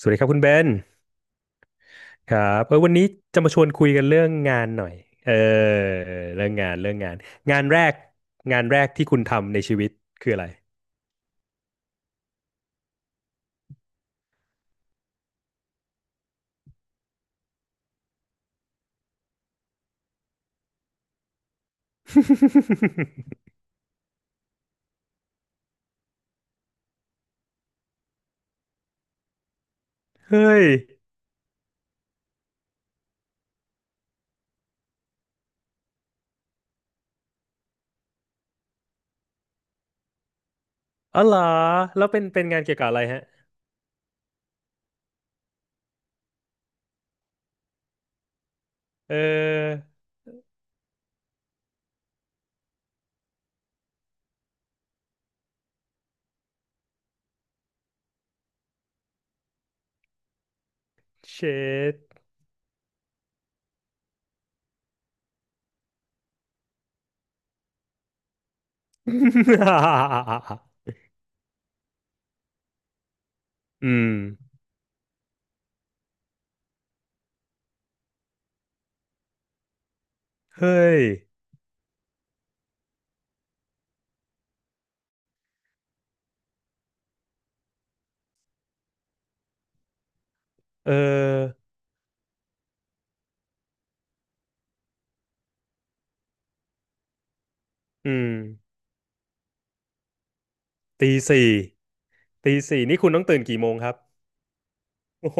สวัสดีครับคุณเบนครับวันนี้จะมาชวนคุยกันเรื่องงานหน่อยเออเรื่องงานงานแรกงานแรกที่คุณทำในชีวิตคืออะไร เฮ้ยอ๋อเหรอแล้วเป็นงานเกี่ยวกับอะไรฮะเออเชด อืมเฮ้ยเอออืมตีสี่ตีสี่นี่คุณต้องตื่นกี่โมงครับโอ้โ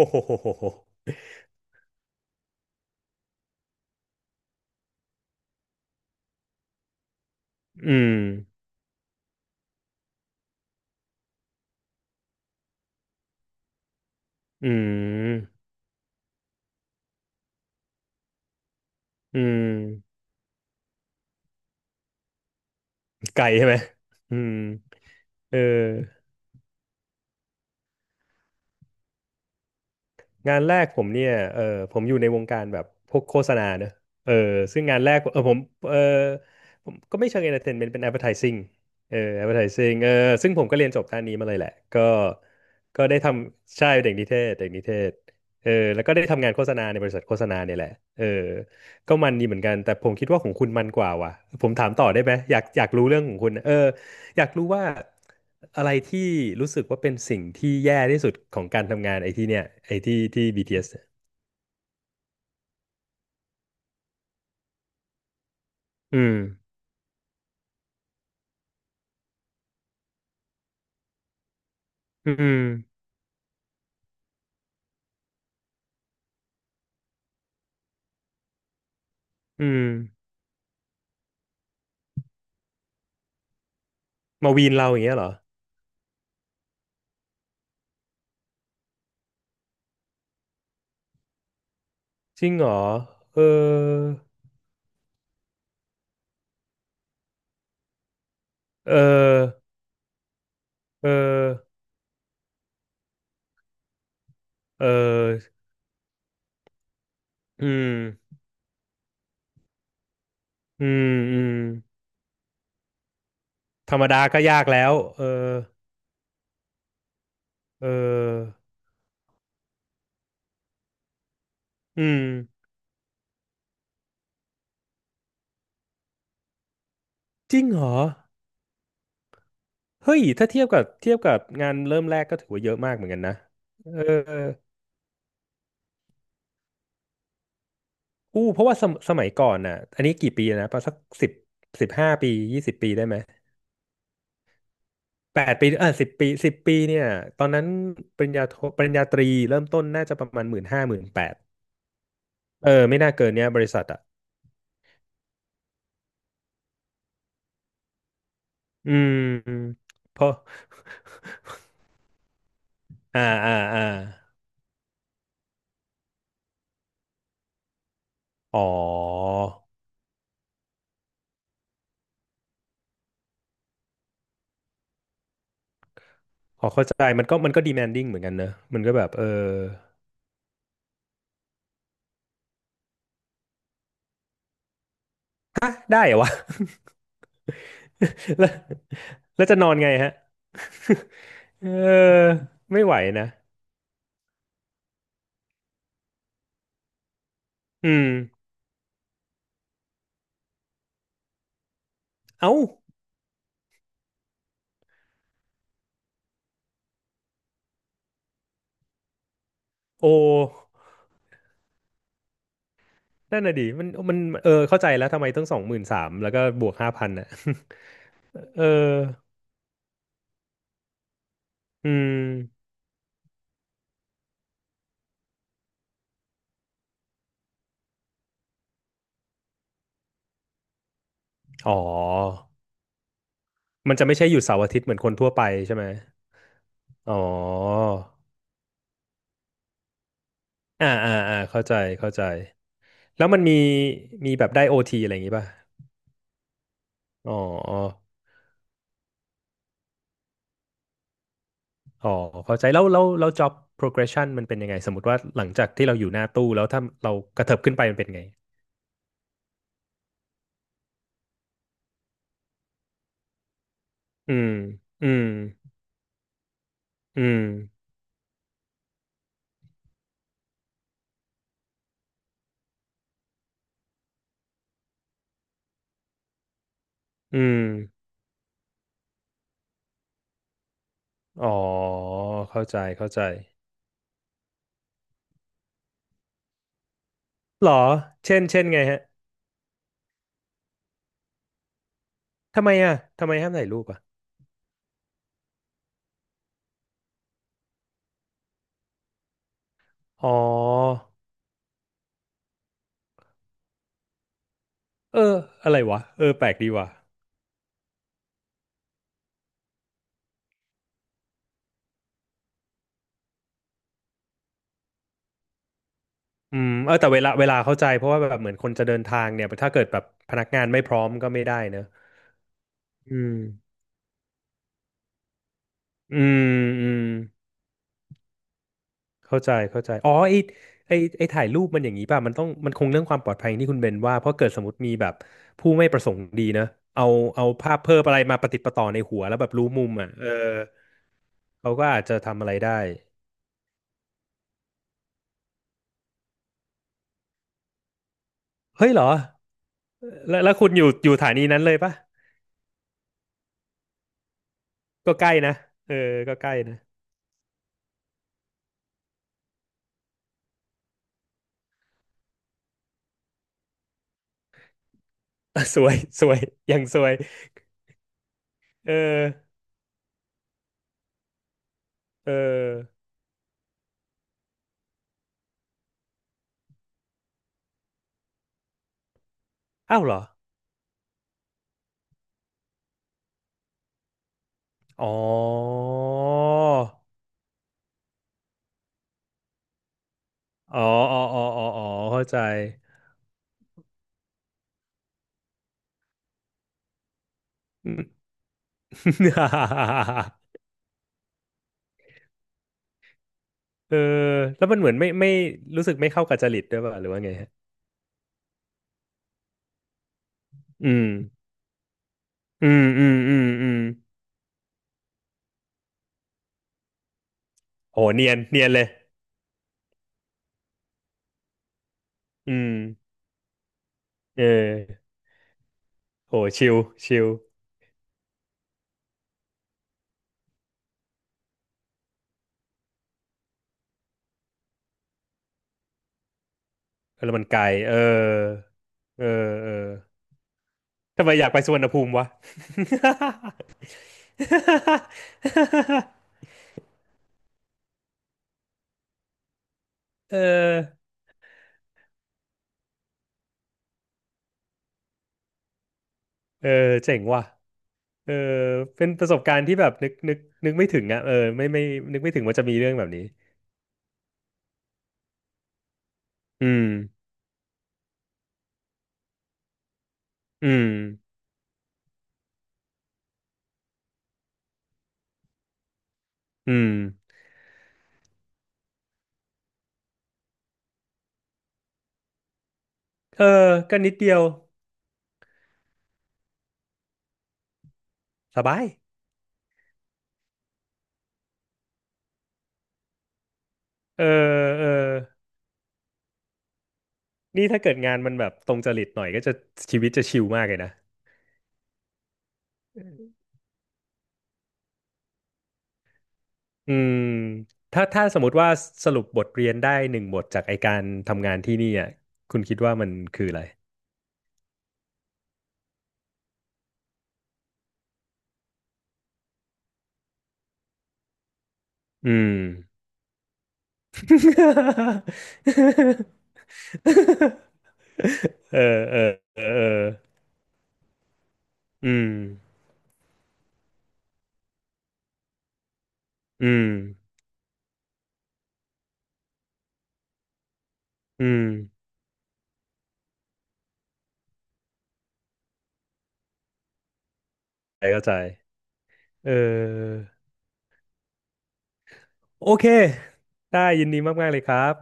ห อืมอืมอืม ไกลใช่ไหมอืมเอองานแรกผมเนี่ยผมอยู่ในวงการแบบพวกโฆษณาเนอะเออซึ่งงานแรกผมเออผมก็ไม่เชิง entertainment เป็น advertising advertising ซึ่งผมก็เรียนจบด้านนี้มาเลยแหละก็ก็ได้ทำใช่เด็กนิเทศเด็กนิเทศแล้วก็ได้ทำงานโฆษณาในบริษัทโฆษณาเนี่ยแหละเออก็มันดีเหมือนกัน แต่ผมคิดว่าของคุณมันกว่าว่ะผมถามต่อได้ไหม อยากรู้เรื่องของคุณอยากรู้ว่าอะไรที่รู้สึกว่าเป็นสิ่งที่แย่ที่สุดของการทำงานไอ้ที่เนี่ยไอ้ที่ที่ BTS เอสเนี่ยอืมอืมอืมมาวีนเราอย่างเงี้ยเหรอจริงเหรอเออเออเออเอออืมอือืมธรรมดาก็ยากแล้วเอออืมจริงเหรอเฮ้ยถ้าเทียบกับงานเริ่มแรกก็ถือว่าเยอะมากเหมือนกันนะเออ อู้เพราะว่าสมัยก่อนน่ะอันนี้กี่ปีนะประมาณสักสิบห้าปียี่สิบปีได้ไหมแปดปีสิบปีสิบปีเนี่ยตอนนั้นปริญญาตรีเริ่มต้นน่าจะประมาณหมื่นห้าหมื่นแปดไม่น่าเกินเนี่ยบริษัทอ่ะอืมเพราะอ่าอ๋อพอเข้าใจมันก็ demanding เหมือนกันเนอะมันก็แบบได้เหรอวะ แล้วจะนอนไงฮะ เออไม่ไหวนะอืมเอ้าโอ นั่นน่ะดิมันเข้าใจแล้วทำไมต้องสองหมื่นสามแล้วก็บวกห้าพันอ่ะ เอออืมอ๋อมันจะไม่ใช่หยุดเสาร์อาทิตย์เหมือนคนทั่วไปใช่ไหมอ๋ออ่าเข้าใจเข้าใจแล้วมันมีแบบได้โอทีอะไรอย่างงี้ป่ะอ๋ออ๋อเข้าใจแล้วjob progression มันเป็นยังไงสมมติว่าหลังจากที่เราอยู่หน้าตู้แล้วถ้าเรากระเถิบขึ้นไปมันเป็นไงอืมอืมอืมอืมอ๋อเข้าใจเข้าใจ หรอเช่นไงฮะทำไมอ่ะทำไมห้ามถ่ายรูปอ่ะอ๋อเอออะไรวะเออแปลกดีว่ะอืมแต่เวลาเข้าใจเพราะว่าแบบเหมือนคนจะเดินทางเนี่ยถ้าเกิดแบบพนักงานไม่พร้อมก็ไม่ได้เนอะอืมอืมอืมเข้าใจเข้าใจอ๋อไอไอไอถ่ายรูปมันอย่างนี้ป่ะมันต้องมันคงเรื่องความปลอดภัยที่คุณเบนว่าเพราะเกิดสมมติมีแบบผู้ไม่ประสงค์ดีเนอะเอาเอาภาพเพิ่มอะไรมาประติดประต่อในหัวแล้วแบบรู้มุมอ่ะเขาก็อาจจะทำอะไรได้เฮ้ยเหรอ แล้วคุณอยู่สถานีนั้นเลยปะก็ใกล้นะเออก็ใกล้นะ อ่ะสวยสวยยังสวยเออเอออ้าวเหรออ๋ออ๋ออ๋ออ๋ออ๋ออ๋อเข้าใจ อืม เออแล้วมันเหมือนไม่ไม่รู้สึกไม่เข้ากับจริตด้วยป่ะหรือว่าไงฮะอืมอืมอืมอืมอืมโหเนียนเลยอืมเออโหชิลชิลแล้วมันไกลเออเออ ทำไมอยากไปสุวรรณภูมิวะ เออเออเจ๋งว่ะเออเป็นประสบการณ์ที่แบบนึกไม่ถึงอ่ะไม่ไม่นึกไม่ถึงว่าจะมีเรื่องแบบนี้อืมอืมอืมเออก็นิดเดียวสบายเออเออนี่ถ้าเกิดงานมันแบบตรงจริตหน่อยก็จะชีวิตจะชิลมากเลยนะอืมถ้าสมมติว่าสรุปบทเรียนได้หนึ่งบทจากไอการทำงานที่นี่อ่ะคุณคิดว่ามันคืออะไร อืม เออเออเอออืมอืมอืมเข้าใจเข้าใจเออโอเคได้ยินดีมากๆเลยครับ